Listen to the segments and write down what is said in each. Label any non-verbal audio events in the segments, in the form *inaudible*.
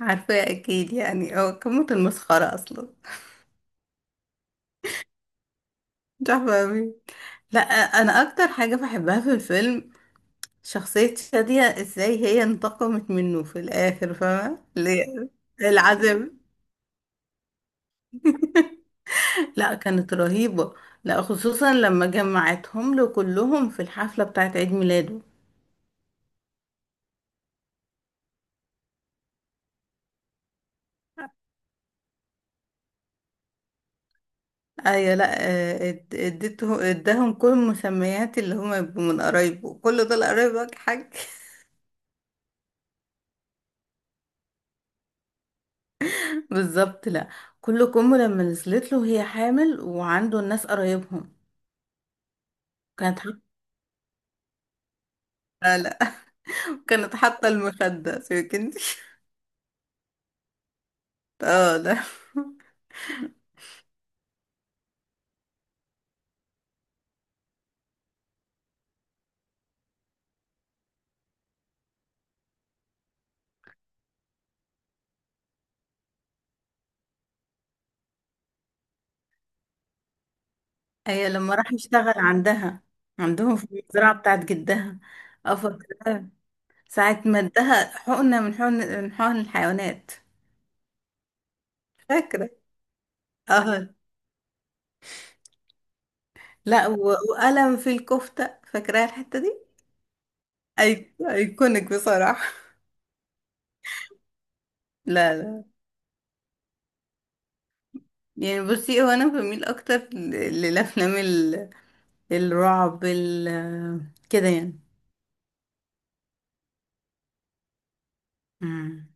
عارفة اكيد، يعني كموت المسخرة اصلا. مش عارفة أوي. لا، انا اكتر حاجة بحبها في الفيلم شخصية شادية، ازاي هي انتقمت منه في الاخر، فاهمة ليه؟ العذاب، لا كانت رهيبة. لا خصوصا لما جمعتهم له كلهم في الحفلة بتاعت عيد ميلاده. ايوه. لا اديته اداهم كل المسميات اللي هما يبقوا من قرايبه، كل دول قرايبك حاج. بالظبط. لا كل كم لما نزلت له هي حامل وعنده الناس قرايبهم. كانت حاطه، لا لا. *laughs* كانت حاطه المخده، سيبك انت. *laughs* اه لا، هي لما راح يشتغل عندها عندهم في المزرعه بتاعت جدها. اه فاكره. ساعه ما ادها حقنه، من حقن الحيوانات. فاكره. اه لا و- وقلم في الكفته، فاكراها الحته دي. ايكونيك بصراحه. *laughs* لا لا، يعني بصي هو انا بميل اكتر للافلام الرعب، ال آه، كده يعني. امم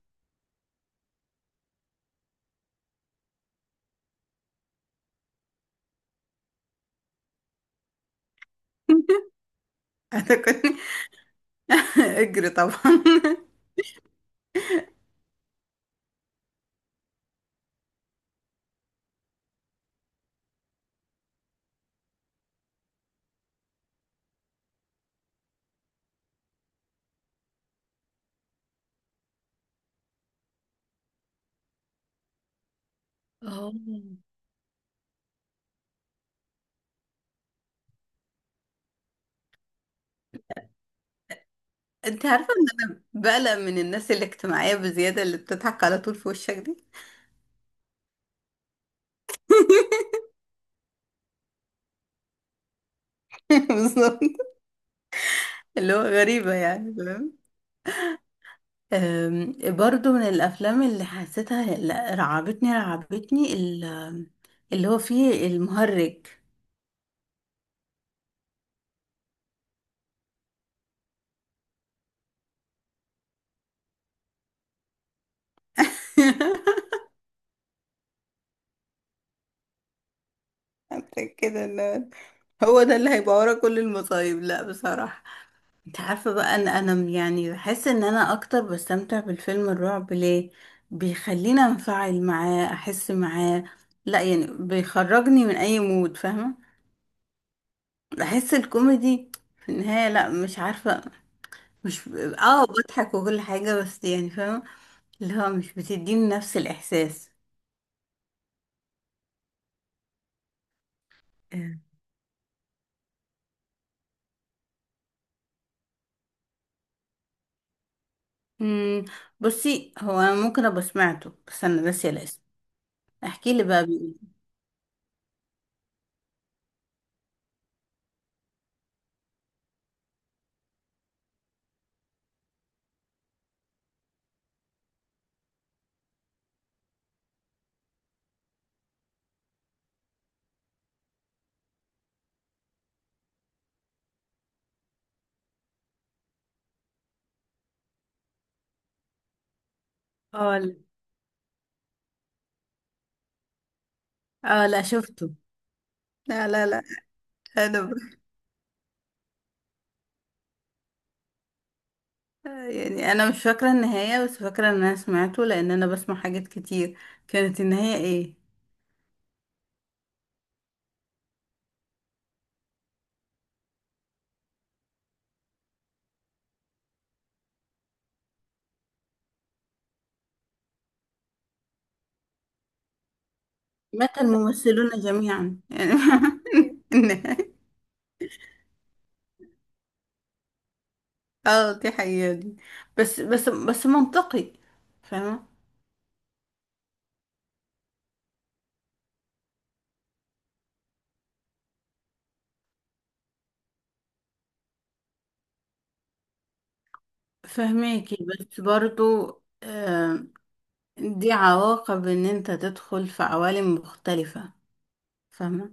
*laughs* انا كنت، *laughs* اجري طبعا. *laughs* اه، انت عارفه ان انا بقلق من الناس الاجتماعيه بزياده اللي بتضحك على طول في وشك دي. *laughs* بالظبط. اللي هو غريبه يعني، فاهم؟ برضو من الافلام اللي حسيتها، لا، رعبتني رعبتني اللي هو فيه المهرج. *laughs* حسيت كده إن هو ده اللي هيبقى ورا كل المصايب، لا بصراحه. انت عارفة بقى ان انا يعني بحس ان انا اكتر بستمتع بالفيلم الرعب، ليه بيخليني انفعل معاه، احس معاه، لا يعني بيخرجني من اي مود، فاهمة؟ بحس الكوميدي في النهاية، لا مش عارفة، مش بضحك وكل حاجة، بس يعني فاهمة اللي هو مش بتديني نفس الاحساس. امم، بصي هو انا ممكن ابقى سمعته، بس انا ناسية الاسم. احكي لي بقى، بيقول اه اه لا، شفته. لا لا لا، انا يعني انا مش فاكره النهايه، بس فاكره ان انا سمعته لان انا بسمع حاجات كتير. كانت النهايه ايه؟ مات الممثلون جميعا يعني. *laughs* النهايه؟ اه دي حقيقه دي، بس منطقي، فاهمه. فهماكي بس برضو، آه دي عواقب ان انت تدخل في عوالم مختلفه، فاهمه.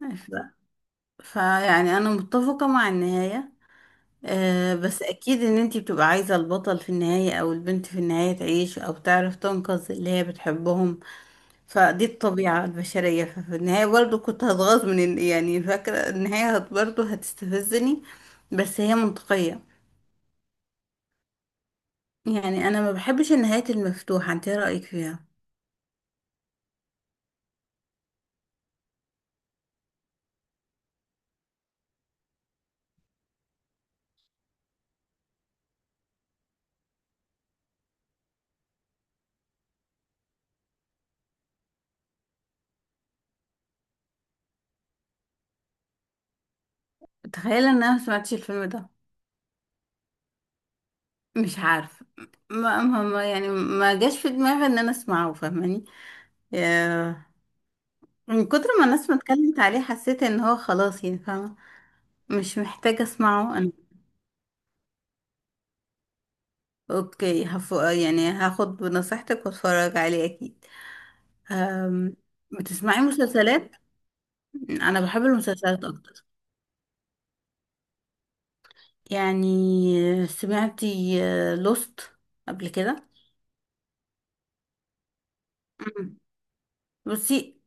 ف- فيعني انا متفقه مع النهايه. آه بس اكيد ان انتي بتبقى عايزة البطل في النهاية او البنت في النهاية تعيش او تعرف تنقذ اللي هي بتحبهم. فدي الطبيعة البشرية. ففي النهاية برضو كنت هتغاظ من يعني فاكرة النهاية برضو هتستفزني، بس هي منطقية. يعني انا ما بحبش النهايات المفتوحة، انت ايه رأيك فيها؟ تخيل ان انا ما سمعتش الفيلم ده. مش عارفة، يعني ما جاش في دماغي ان انا اسمعه، فاهماني؟ آه، من كتر ما الناس ما اتكلمت عليه حسيت ان هو خلاص، يعني فاهمة مش محتاجة اسمعه انا. يعني هاخد بنصيحتك واتفرج عليه اكيد. أم... بتسمعي مسلسلات؟ انا بحب المسلسلات اكتر. يعني سمعتي لوست قبل كده؟ أمم. بصي،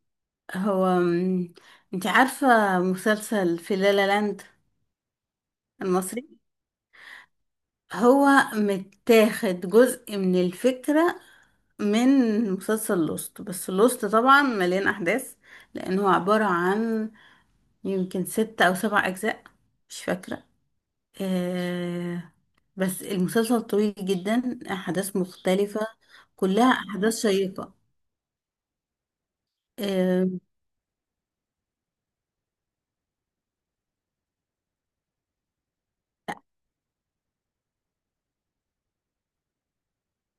هو انت عارفة مسلسل في لالا لاند المصري؟ هو متاخد جزء من الفكرة من مسلسل لوست، بس لوست طبعا مليان احداث، لانه عبارة عن يمكن ست أو سبع أجزاء، مش فاكرة. آه بس المسلسل طويل جدا، أحداث مختلفة، كلها أحداث شيقة. آه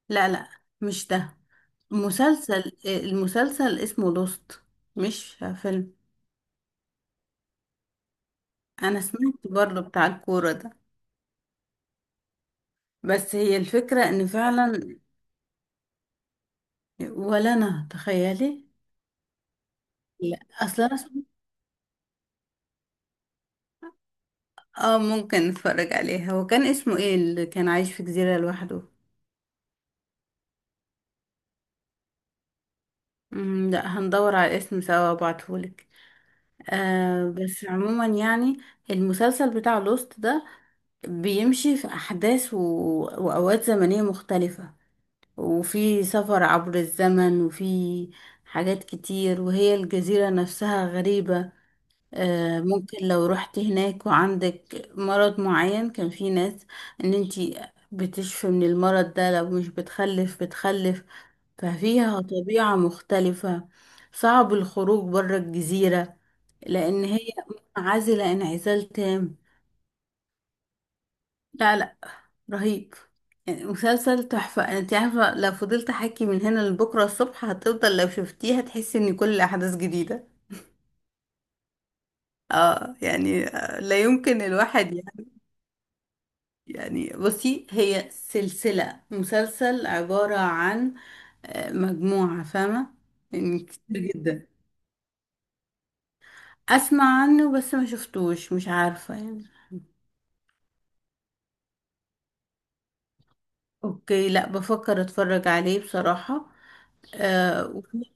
لا لا، مش ده. مسلسل، المسلسل اسمه لوست، مش فيلم. أنا سمعت برضه بتاع الكورة ده، بس هي الفكرة إن فعلا، ولا أنا تخيلي. لا أصلا اه ممكن نتفرج عليها. هو كان اسمه ايه اللي كان عايش في جزيرة لوحده؟ مم، لا هندور على اسم سوا وابعتهولك. آه بس عموما يعني المسلسل بتاع لوست ده بيمشي في أحداث و... وأوقات زمنية مختلفة، وفي سفر عبر الزمن، وفي حاجات كتير، وهي الجزيرة نفسها غريبة. آه، ممكن لو رحت هناك وعندك مرض معين، كان في ناس ان انتي بتشفي من المرض ده، لو مش بتخلف بتخلف. ففيها طبيعة مختلفة، صعب الخروج بره الجزيرة، لان هي منعزلة انعزال تام. لا لا، رهيب. يعني مسلسل تحفة، انت عارفة لو فضلت احكي من هنا لبكرة الصبح هتفضل لو شفتيها تحسي ان كل الاحداث جديدة. اه يعني، لا يمكن الواحد، يعني بصي هي سلسلة، مسلسل عبارة عن مجموعة، فاهمة؟ يعني كتير جدا. أسمع عنه بس ما شفتوش، مش عارفة يعني. أوكي، لا بفكر أتفرج عليه بصراحة. آه وفي-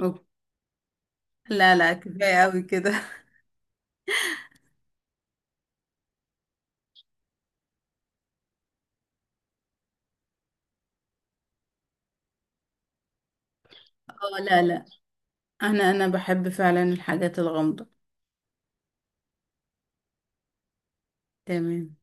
أوكي. لا لا، كفاية أوي كده. *laughs* اه لا لا، أنا بحب فعلا الحاجات الغامضة. تمام.